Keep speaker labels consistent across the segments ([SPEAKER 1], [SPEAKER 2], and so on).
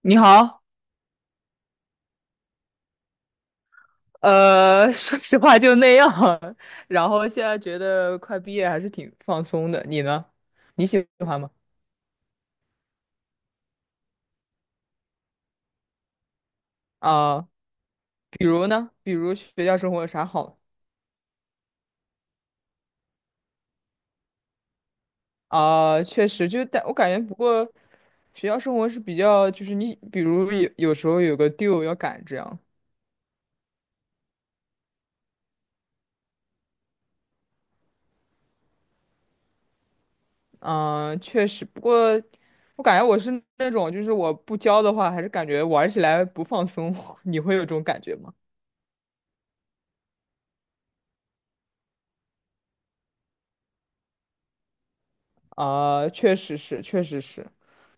[SPEAKER 1] 你好，说实话就那样，然后现在觉得快毕业还是挺放松的。你呢？你喜欢吗？啊、比如呢？比如学校生活有啥好？啊、确实就，但我感觉，不过学校生活是比较，就是你，比如有时候有个 due 要赶这样，嗯、确实。不过我感觉我是那种，就是我不教的话，还是感觉玩起来不放松。你会有这种感觉吗？啊，确实是，确实是。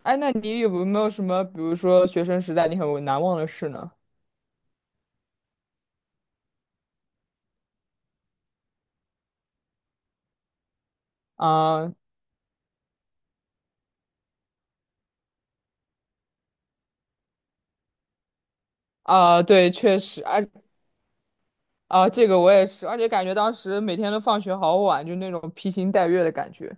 [SPEAKER 1] 哎，那你有没有什么，比如说学生时代你很难忘的事呢？啊啊，对，确实，哎啊，这个我也是，而且感觉当时每天都放学好晚，就那种披星戴月的感觉。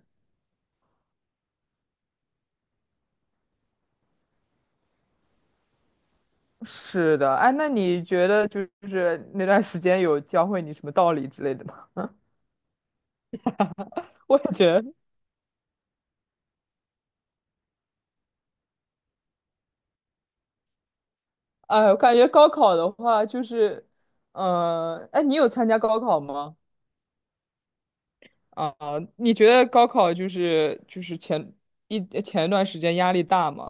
[SPEAKER 1] 是的，哎，那你觉得就是那段时间有教会你什么道理之类的吗？我也觉得，哎，我感觉高考的话，就是，哎，你有参加高考吗？啊，你觉得高考就是前一段时间压力大吗？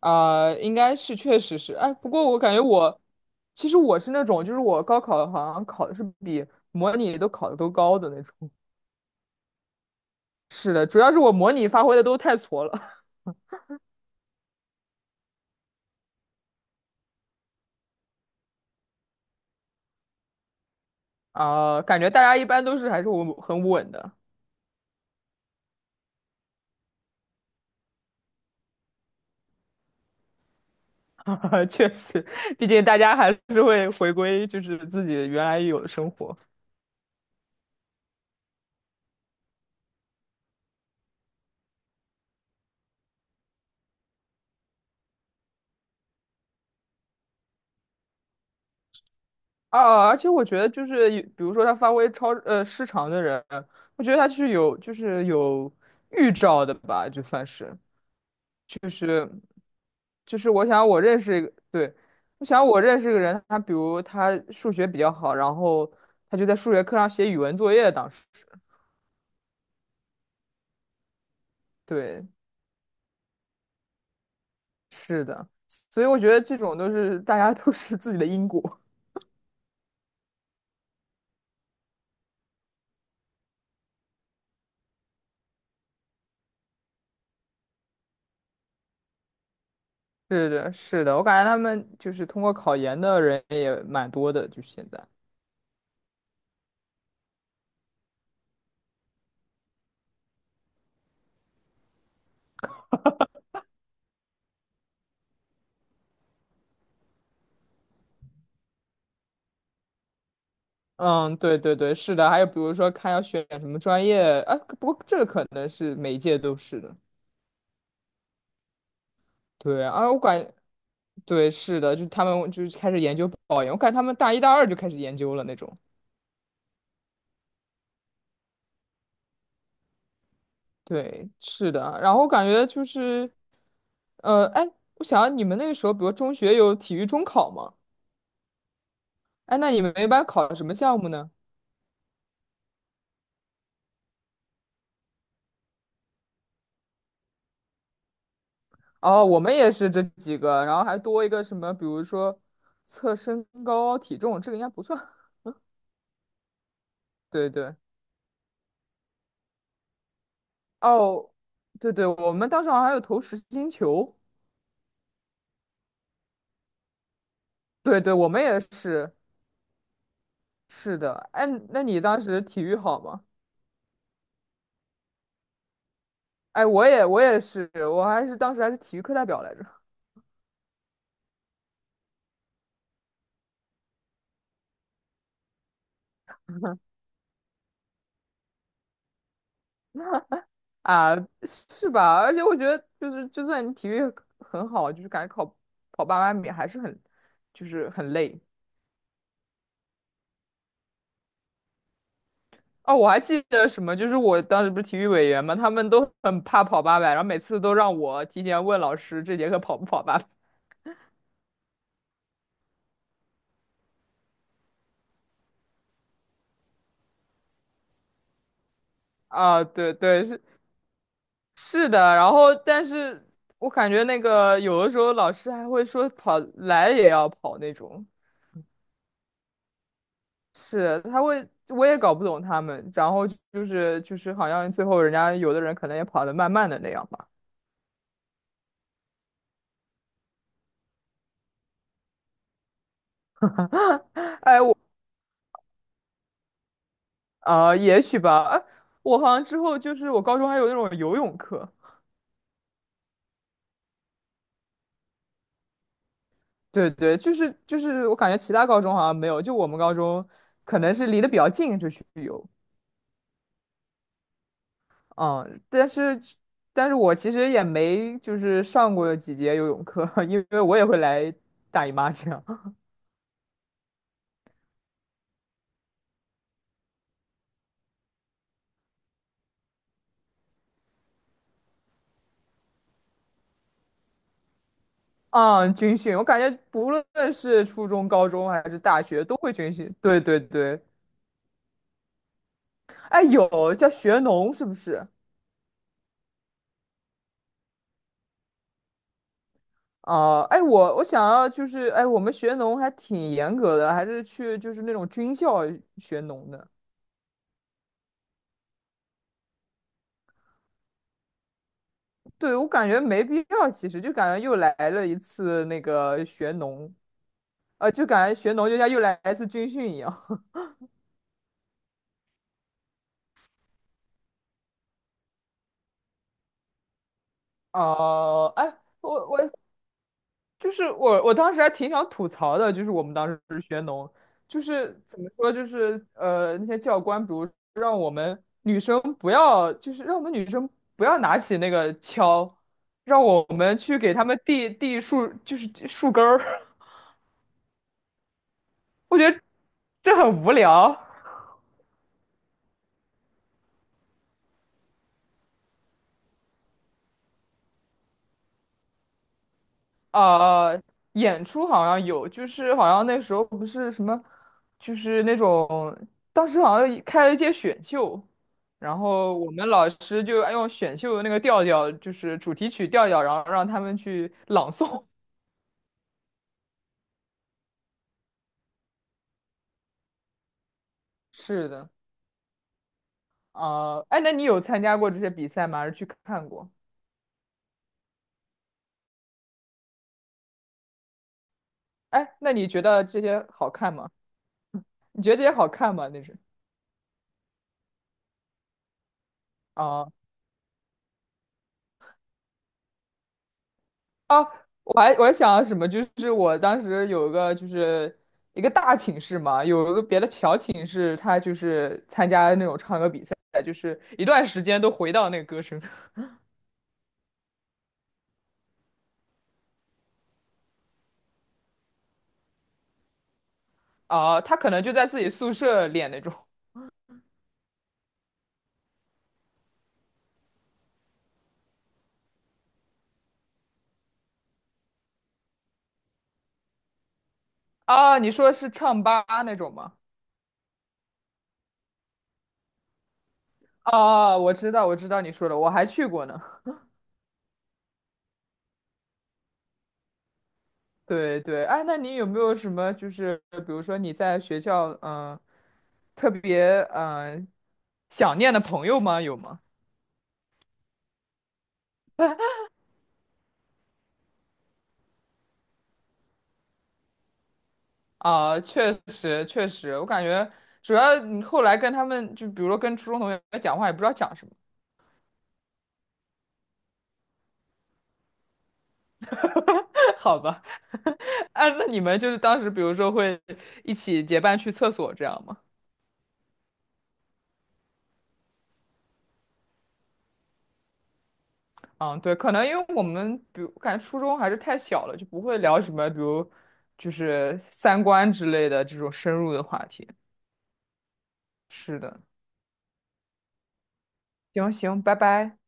[SPEAKER 1] 啊，应该是确实是，哎，不过我感觉我其实我是那种，就是我高考好像考的是比模拟都考的都高的那种。是的，主要是我模拟发挥的都太挫了。啊，感觉大家一般都是还是稳很稳的，确实，毕竟大家还是会回归就是自己原来有的生活。啊，而且我觉得就是有比如说他发挥超失常的人，我觉得他是有就是有预兆的吧，就算是，就是我想我认识一个，对，我想我认识一个人，他比如他数学比较好，然后他就在数学课上写语文作业，当时，对，是的，所以我觉得这种都是大家都是自己的因果，是的，是的，我感觉他们就是通过考研的人也蛮多的，就现在。嗯，对对对，是的。还有比如说看要选什么专业，啊，不过这个可能是每一届都是的。对啊，对是的，就是他们就是开始研究保研，我感觉他们大一大二就开始研究了那种。对，是的。然后我感觉就是，哎，我想你们那个时候，比如中学有体育中考吗？哎，那你们一般考什么项目呢？哦，我们也是这几个，然后还多一个什么，比如说测身高体重，这个应该不算。对对。哦，对对，我们当时好像还有投实心球。对对，我们也是，是的。哎，那你当时体育好吗？哎，我也是，我还是当时还是体育课代表来着。啊，是吧？而且我觉得，就是就算你体育很好，就是感觉跑800米还是很，就是很累。哦，我还记得什么，就是我当时不是体育委员嘛，他们都很怕跑八百，然后每次都让我提前问老师这节课跑不跑800。啊，对对，是。是的，然后但是我感觉那个有的时候老师还会说跑来也要跑那种，是他会，我也搞不懂他们，然后就是好像最后人家有的人可能也跑得慢慢的那样吧，哎我啊、也许吧，哎我好像之后就是我高中还有那种游泳课，对对，就是我感觉其他高中好像没有，就我们高中可能是离得比较近就去游，嗯，但是我其实也没就是上过几节游泳课，因为我也会来大姨妈这样。啊，军训，我感觉不论是初中、高中还是大学都会军训。对对对，哎，有叫学农是不是？啊？哎，我想要就是，哎，我们学农还挺严格的，还是去就是那种军校学农的。对，我感觉没必要，其实就感觉又来了一次那个学农，就感觉学农就像又来一次军训一样。哦、哎，我我就是我，我当时还挺想吐槽的，就是我们当时学农，就是怎么说，就是那些教官，比如让我们女生不要，就是让我们女生不要拿起那个锹，让我们去给他们递递树，就是树根儿，我觉得这很无聊。呃，演出好像有，就是好像那时候不是什么，就是那种当时好像开了一届选秀，然后我们老师就用选秀的那个调调，就是主题曲调调，然后让他们去朗诵。是的，啊，哎，那你有参加过这些比赛吗？还是去看过？哎，那你觉得这些好看吗？你觉得这些好看吗？那是。啊。哦，我还想什么，就是我当时有一个就是一个大寝室嘛，有一个别的小寝室，他就是参加那种唱歌比赛，一段时间都回到那个歌声。哦，他可能就在自己宿舍练那种。啊，你说是唱吧那种吗？哦，我知道，我知道你说的，我还去过呢。对对，哎，那你有没有什么就是比如说你在学校嗯、特别嗯、想念的朋友吗？有吗？啊，确实确实，我感觉主要你后来跟他们，就比如说跟初中同学讲话，也不知道讲什么，好吧？啊，那你们就是当时，比如说会一起结伴去厕所这样吗？嗯，对，可能因为我们，比如感觉初中还是太小了，就不会聊什么，比如就是三观之类的这种深入的话题。是的，行行，拜拜。